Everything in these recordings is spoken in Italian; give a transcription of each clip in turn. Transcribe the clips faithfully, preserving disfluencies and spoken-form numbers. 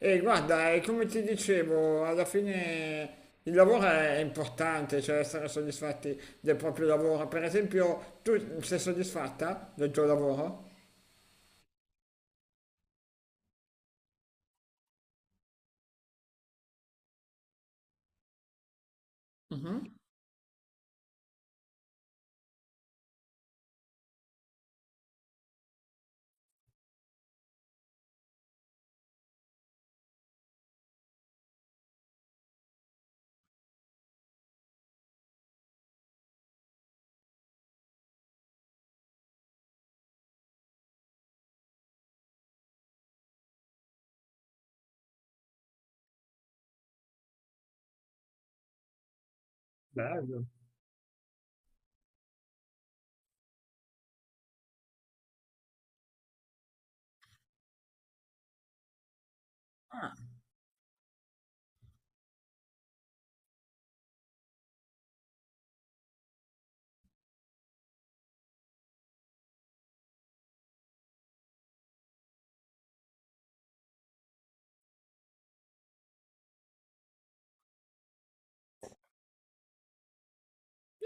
E guarda, eh, come ti dicevo, alla fine il lavoro è importante, cioè essere soddisfatti del proprio lavoro. Per esempio, tu sei soddisfatta del tuo lavoro? Bello.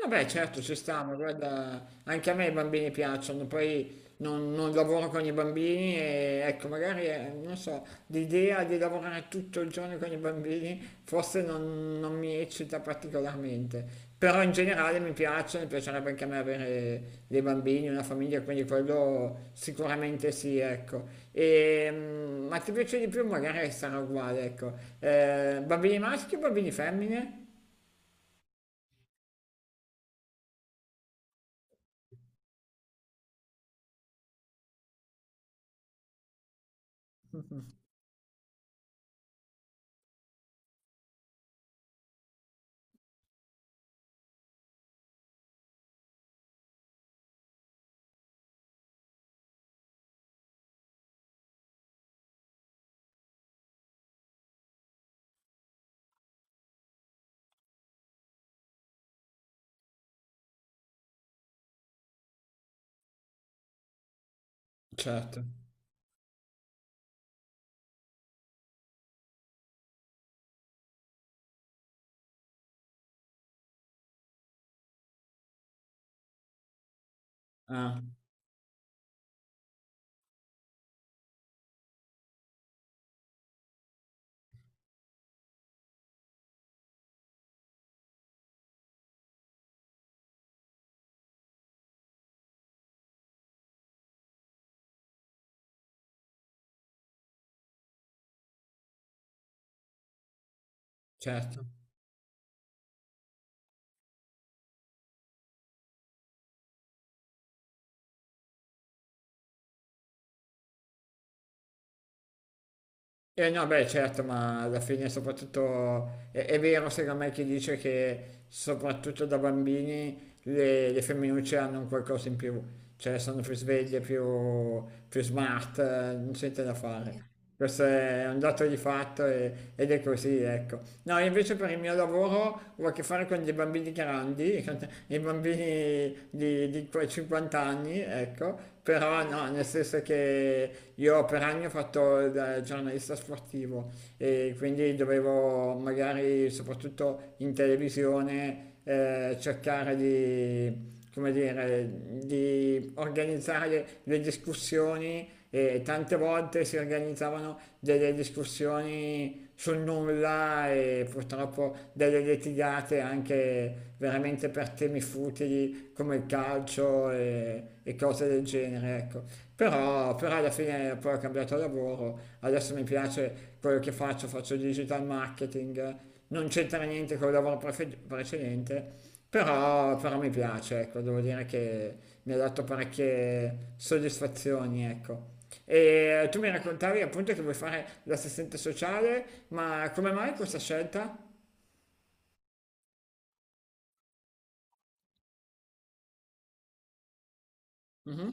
Vabbè, certo, ci stanno, guarda, anche a me i bambini piacciono, poi non, non lavoro con i bambini e ecco, magari, eh, non so, l'idea di lavorare tutto il giorno con i bambini forse non, non mi eccita particolarmente, però in generale mi piace, mi piacerebbe anche a me avere dei bambini, una famiglia, quindi quello sicuramente sì, ecco. E, mm, ma ti piace di più? Magari sarà uguale, ecco. Eh, bambini maschi o bambini femmine? Certo, ah, certo. Eh no, beh, certo, ma alla fine soprattutto è, è vero secondo me chi dice che soprattutto da bambini le, le femminucce hanno un qualcosa in più, cioè sono più sveglie, più, più smart, eh, non c'è niente da fare. Questo è un dato di fatto e- ed è così, ecco. No, invece per il mio lavoro ho a che fare con dei bambini grandi, con i bambini di, di quei cinquanta anni, ecco, però no, nel senso che io per anni ho fatto il eh, giornalista sportivo e quindi dovevo magari, soprattutto in televisione, eh, cercare di come dire, di organizzare le discussioni e tante volte si organizzavano delle discussioni sul nulla e purtroppo delle litigate anche veramente per temi futili come il calcio e, e cose del genere, ecco. Però, però alla fine poi ho cambiato lavoro, adesso mi piace quello che faccio, faccio digital marketing, non c'entra niente col lavoro prefe- precedente, però, però mi piace, ecco, devo dire che mi ha dato parecchie soddisfazioni, ecco. E tu mi raccontavi appunto che vuoi fare l'assistente sociale, ma come mai questa scelta? Mhm.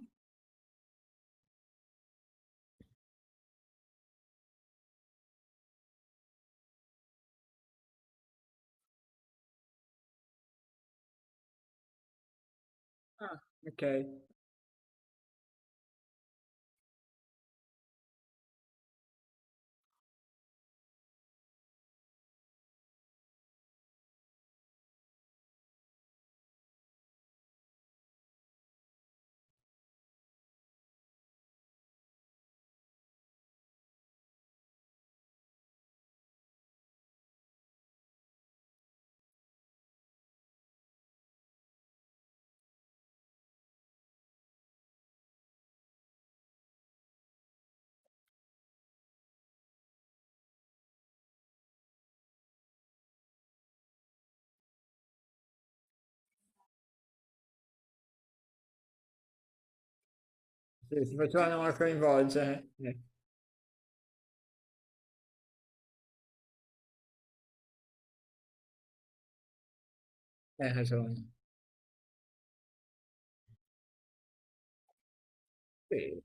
Ok. Sì, si facevano a coinvolgere. Eh, hai ragione. Sì.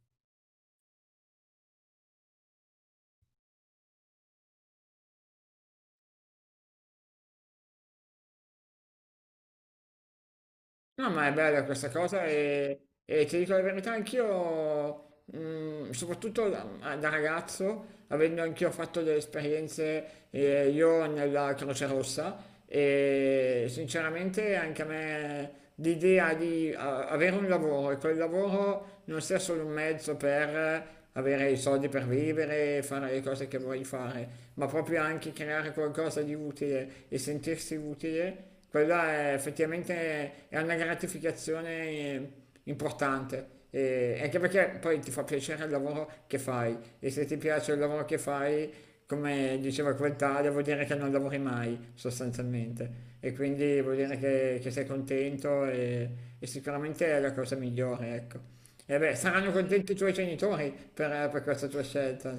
No, ma è bella questa cosa e, e ti dico la verità, anch'io mm, soprattutto da, da ragazzo, avendo anch'io fatto delle esperienze eh, io nella Croce Rossa e sinceramente anche a me l'idea di eh, avere un lavoro e quel lavoro non sia solo un mezzo per avere i soldi per vivere, fare le cose che vuoi fare, ma proprio anche creare qualcosa di utile e sentirsi utile, quella è effettivamente è una gratificazione importante e anche perché poi ti fa piacere il lavoro che fai e se ti piace il lavoro che fai, come diceva quel tale, vuol dire che non lavori mai sostanzialmente e quindi vuol dire che, che sei contento e, e sicuramente è la cosa migliore, ecco. E beh, saranno contenti i tuoi genitori per, per questa tua scelta.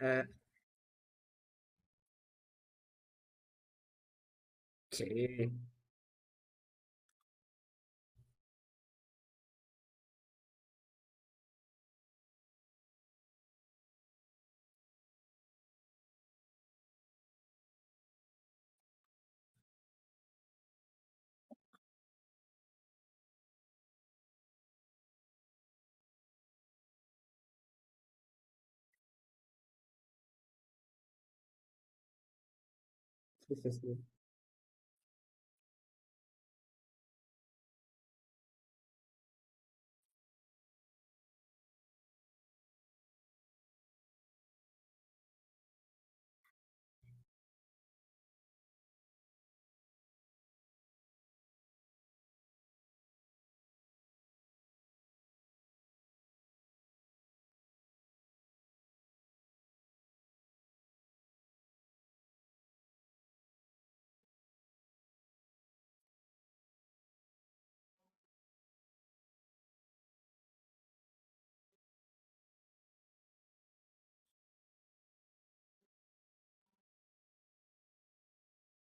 Eh, sì, sì, sì, sì,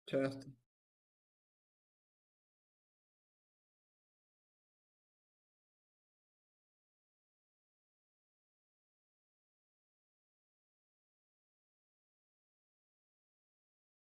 certo.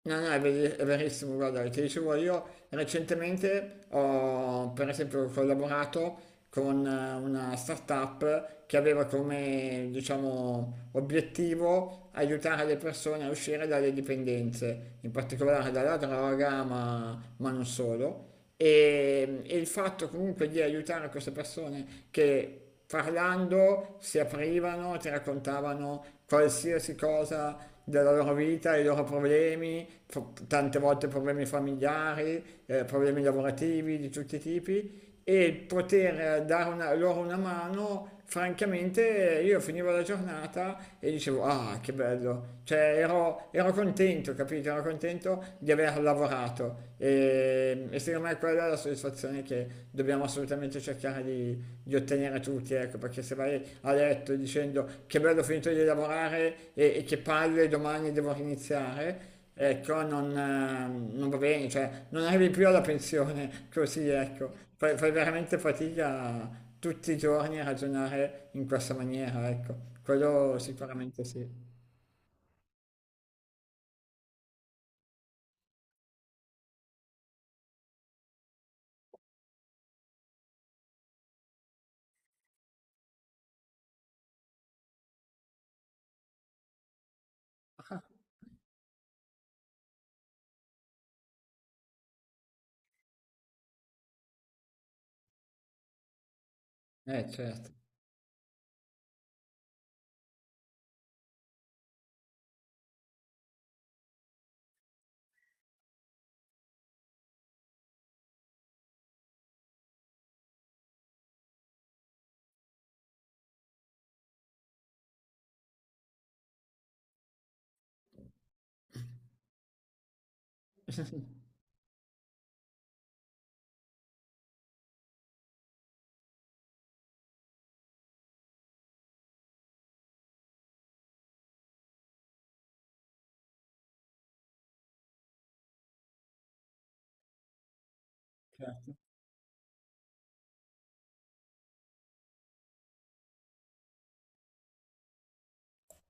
No, no, è veri- è verissimo, guarda, ti dicevo io recentemente ho per esempio collaborato con eh, una startup che aveva come, diciamo, obiettivo aiutare le persone a uscire dalle dipendenze, in particolare dalla droga, ma, ma non solo. E, e il fatto comunque di aiutare queste persone che parlando si aprivano, ti raccontavano qualsiasi cosa della loro vita, i loro problemi, pro- tante volte problemi familiari, eh, problemi lavorativi di tutti i tipi e poter eh, dare una- loro una mano francamente io finivo la giornata e dicevo, ah, che bello, cioè ero, ero contento, capito? Ero contento di aver lavorato e, e secondo me quella è la soddisfazione che dobbiamo assolutamente cercare di, di ottenere tutti, ecco, perché se vai a letto dicendo che bello ho finito di lavorare e, e che palle domani devo riniziare, ecco, non, eh, non va bene, cioè non arrivi più alla pensione così, ecco, fai, fai veramente fatica tutti i giorni ragionare in questa maniera, ecco, quello sicuramente sì. Eh certo.